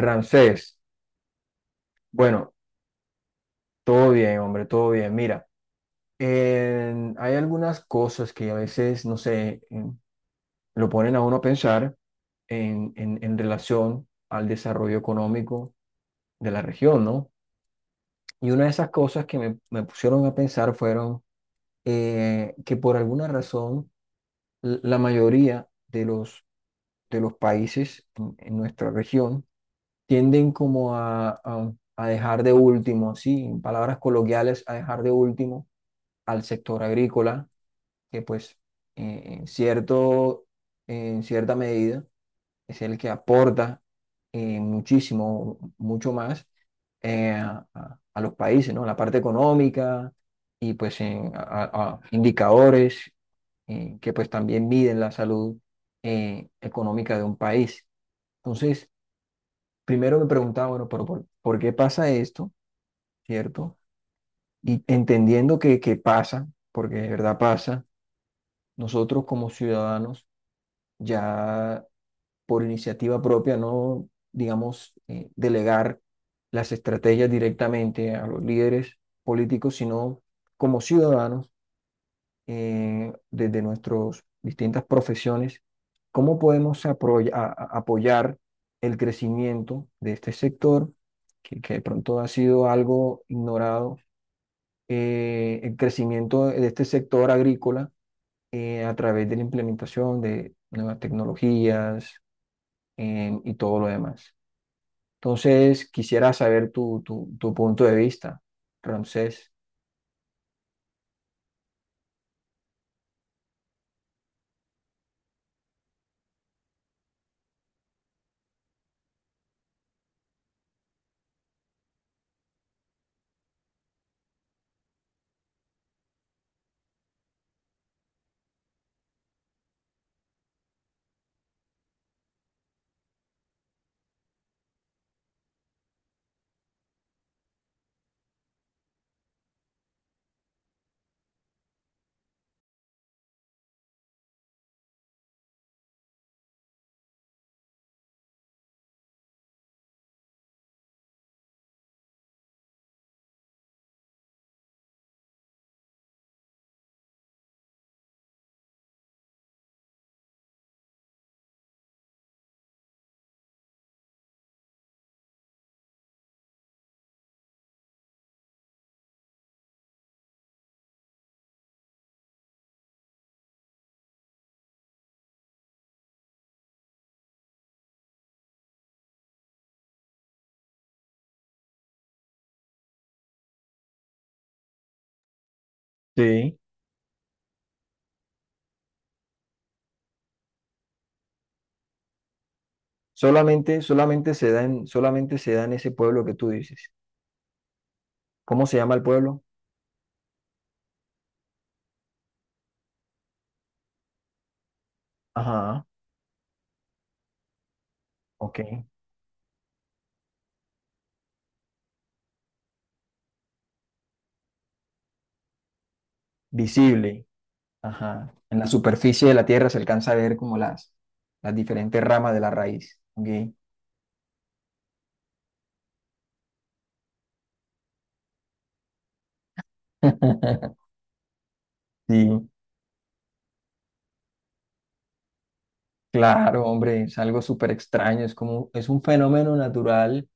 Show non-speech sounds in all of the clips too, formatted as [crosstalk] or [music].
Ramsés, bueno, todo bien, hombre, todo bien. Mira, hay algunas cosas que a veces, no sé, lo ponen a uno a pensar en relación al desarrollo económico de la región, ¿no? Y una de esas cosas que me pusieron a pensar fueron que por alguna razón la mayoría de de los países en nuestra región tienden como a dejar de último, sí, en palabras coloquiales, a dejar de último al sector agrícola, que pues eh, en cierto, en cierta medida es el que aporta muchísimo, mucho más a los países, ¿no? La parte económica y pues a indicadores que pues también miden la salud económica de un país. Entonces, primero me preguntaba, bueno, pero por qué pasa esto? ¿Cierto? Y entendiendo que pasa, porque de verdad pasa. Nosotros como ciudadanos, ya por iniciativa propia, no, digamos, delegar las estrategias directamente a los líderes políticos, sino como ciudadanos, desde nuestras distintas profesiones, cómo podemos apoyar el crecimiento de este sector, que de pronto ha sido algo ignorado, el crecimiento de este sector agrícola a través de la implementación de nuevas tecnologías, y todo lo demás. Entonces, quisiera saber tu punto de vista, Ramsés. Sí. Solamente, solamente se da en, solamente se da en ese pueblo que tú dices. ¿Cómo se llama el pueblo? Ajá, ok. Visible. Ajá. En la superficie de la tierra se alcanza a ver como las diferentes ramas de la raíz. Ok. [laughs] Sí. Claro, hombre, es algo súper extraño, es como, es un fenómeno natural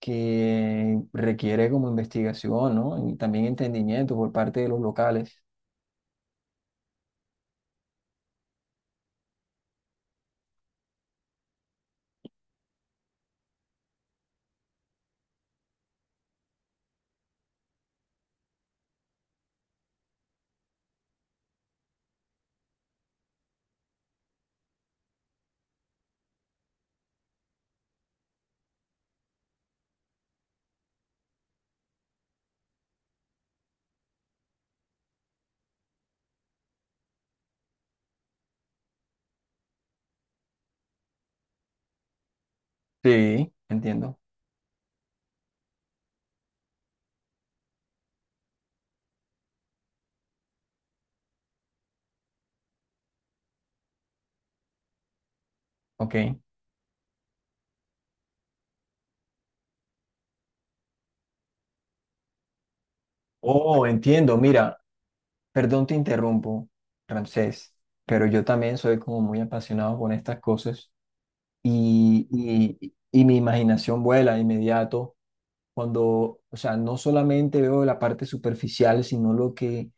que requiere como investigación, ¿no? Y también entendimiento por parte de los locales. Sí, entiendo. Ok. Oh, entiendo, mira, perdón te interrumpo, Ramsés, pero yo también soy como muy apasionado con estas cosas y mi imaginación vuela de inmediato cuando, o sea, no solamente veo la parte superficial, sino lo que,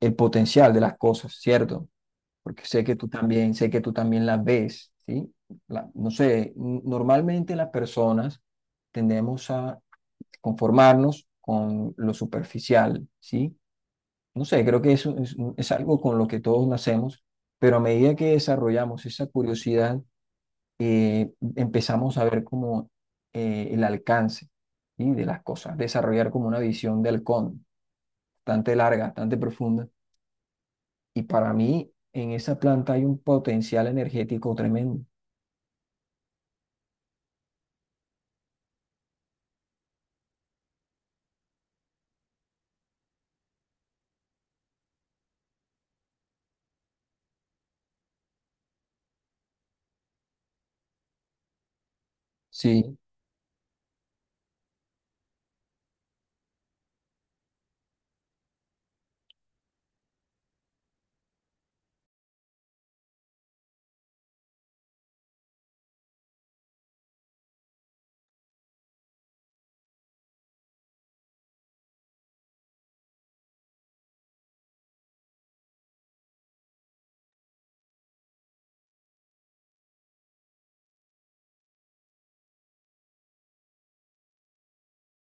el potencial de las cosas, ¿cierto? Porque sé que tú también, sé que tú también las ves, ¿sí? No sé, normalmente las personas tendemos a conformarnos con lo superficial, ¿sí? No sé, creo que eso es, mm, es algo con lo que todos nacemos, pero a medida que desarrollamos esa curiosidad, empezamos a ver como el alcance, ¿sí? de las cosas, desarrollar como una visión de halcón, bastante larga, bastante profunda, y para mí en esa planta hay un potencial energético tremendo. Sí,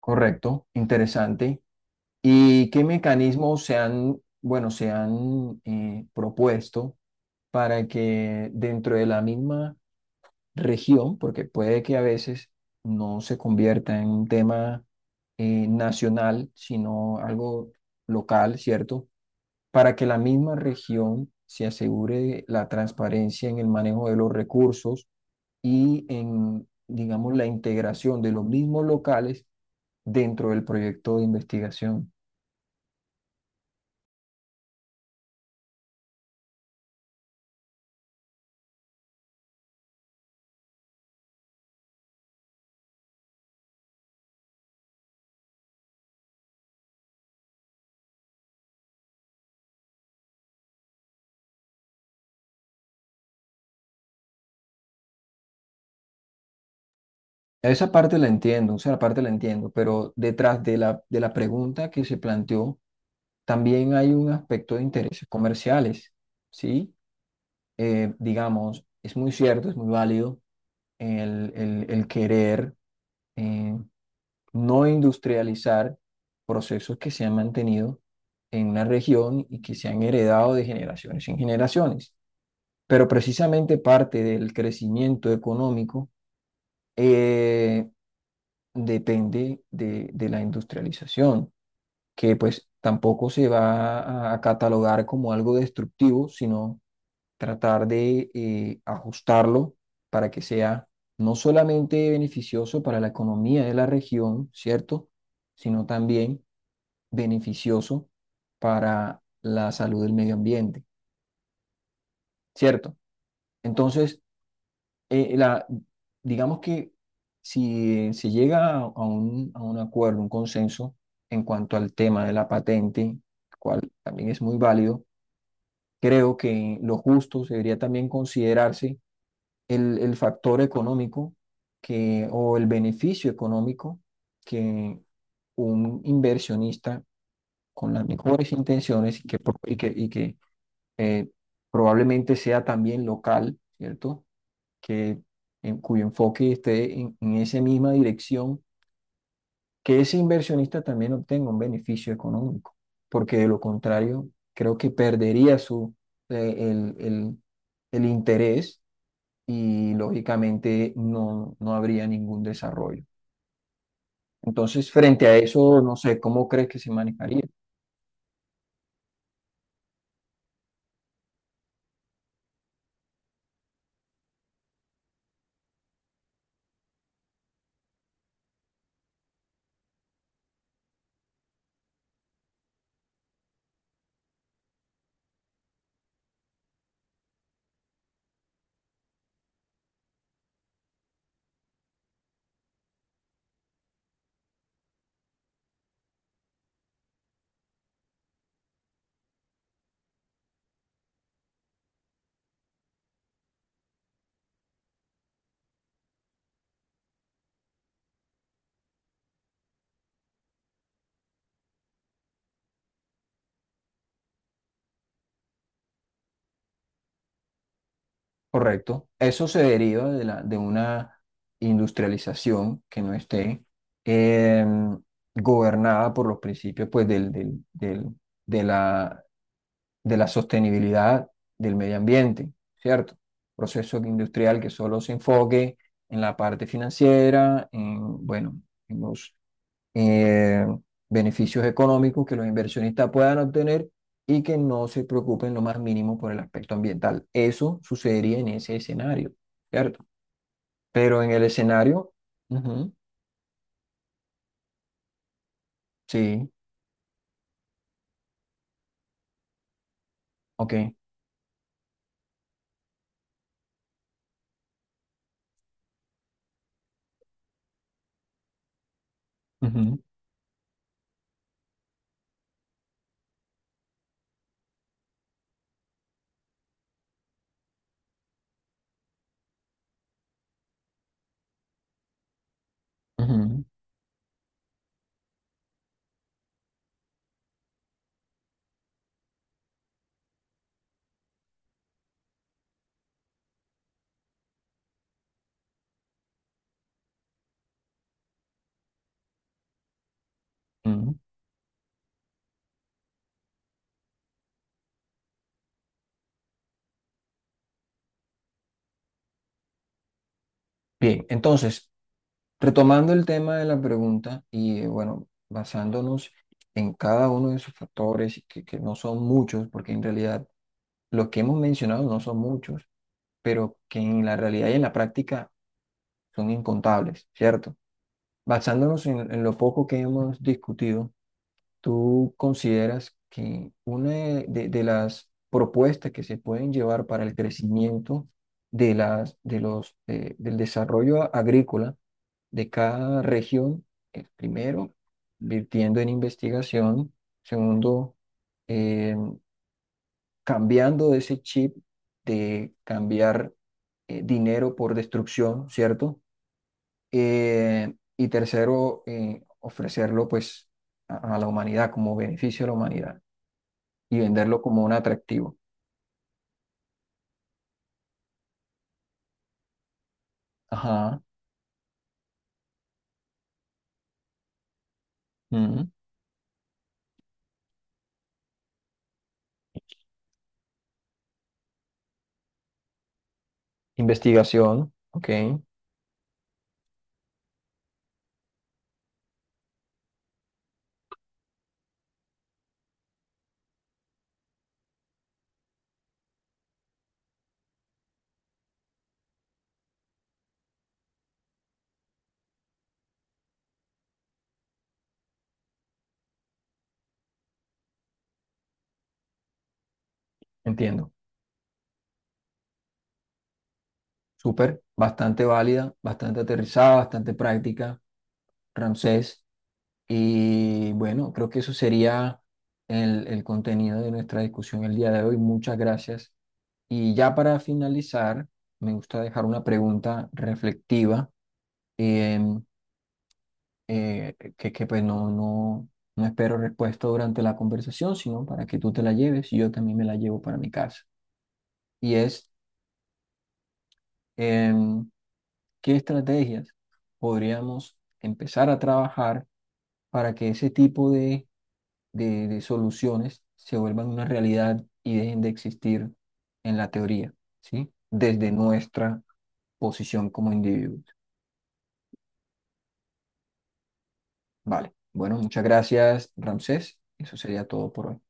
correcto, interesante. ¿Y qué mecanismos se han, bueno, se han propuesto para que dentro de la misma región, porque puede que a veces no se convierta en un tema nacional, sino algo local, ¿cierto? Para que la misma región se asegure la transparencia en el manejo de los recursos y en, digamos, la integración de los mismos locales dentro del proyecto de investigación. Esa parte la entiendo, esa parte la entiendo, pero detrás de de la pregunta que se planteó, también hay un aspecto de intereses comerciales, ¿sí? Digamos, es muy cierto, es muy válido el querer eh, no industrializar procesos que se han mantenido en una región y que se han heredado de generaciones en generaciones. Pero precisamente parte del crecimiento económico eh, depende de la industrialización, que pues tampoco se va a catalogar como algo destructivo, sino tratar de ajustarlo para que sea no solamente beneficioso para la economía de la región, ¿cierto? Sino también beneficioso para la salud del medio ambiente, ¿cierto? Entonces, eh, la, digamos que si se llega a un acuerdo, un consenso en cuanto al tema de la patente, cual también es muy válido, creo que lo justo debería también considerarse el factor económico que, o el beneficio económico que un inversionista con las mejores intenciones y que, eh, probablemente sea también local, ¿cierto? Que, en cuyo enfoque esté en esa misma dirección, que ese inversionista también obtenga un beneficio económico, porque de lo contrario, creo que perdería su, eh, el, el- el interés y lógicamente no, no habría ningún desarrollo. Entonces, frente a eso, no sé, ¿cómo crees que se manejaría? Correcto. Eso se deriva de, la, de una industrialización que no esté, em, gobernada por los principios pues, de la, de la sostenibilidad del medio ambiente, ¿cierto? Proceso industrial que solo se enfoque en la parte financiera, en, bueno, en los eh, beneficios económicos que los inversionistas puedan obtener y que no se preocupen lo más mínimo por el aspecto ambiental. Eso sucedería en ese escenario, ¿cierto? Pero en el escenario, ujú, sí, ok. Ujú, ujú, ujú. Bien, entonces, retomando el tema de la pregunta y bueno, basándonos en cada uno de esos factores, que no son muchos, porque en realidad los que hemos mencionado no son muchos, pero que en la realidad y en la práctica son incontables, ¿cierto? Basándonos en lo poco que hemos discutido, ¿tú consideras que una de las propuestas que se pueden llevar para el crecimiento de las, de los, del desarrollo agrícola de cada región es, primero, invirtiendo en investigación, segundo, eh, cambiando ese chip de cambiar dinero por destrucción, ¿cierto? Y tercero, ofrecerlo pues a la humanidad como beneficio a la humanidad y venderlo como un atractivo. Ajá. Ujú. Investigación, ok, entiendo. Súper, bastante válida, bastante aterrizada, bastante práctica, Ramsés. Y bueno, creo que eso sería el contenido de nuestra discusión el día de hoy. Muchas gracias. Y ya para finalizar, me gusta dejar una pregunta reflectiva. Eh, pues no espero respuesta durante la conversación, sino para que tú te la lleves y yo también me la llevo para mi casa. Y es, em, ¿qué estrategias podríamos empezar a trabajar para que ese tipo de soluciones se vuelvan una realidad y dejen de existir en la teoría, ¿sí? Desde nuestra posición como individuos. Vale. Bueno, muchas gracias, Ramsés. Eso sería todo por hoy.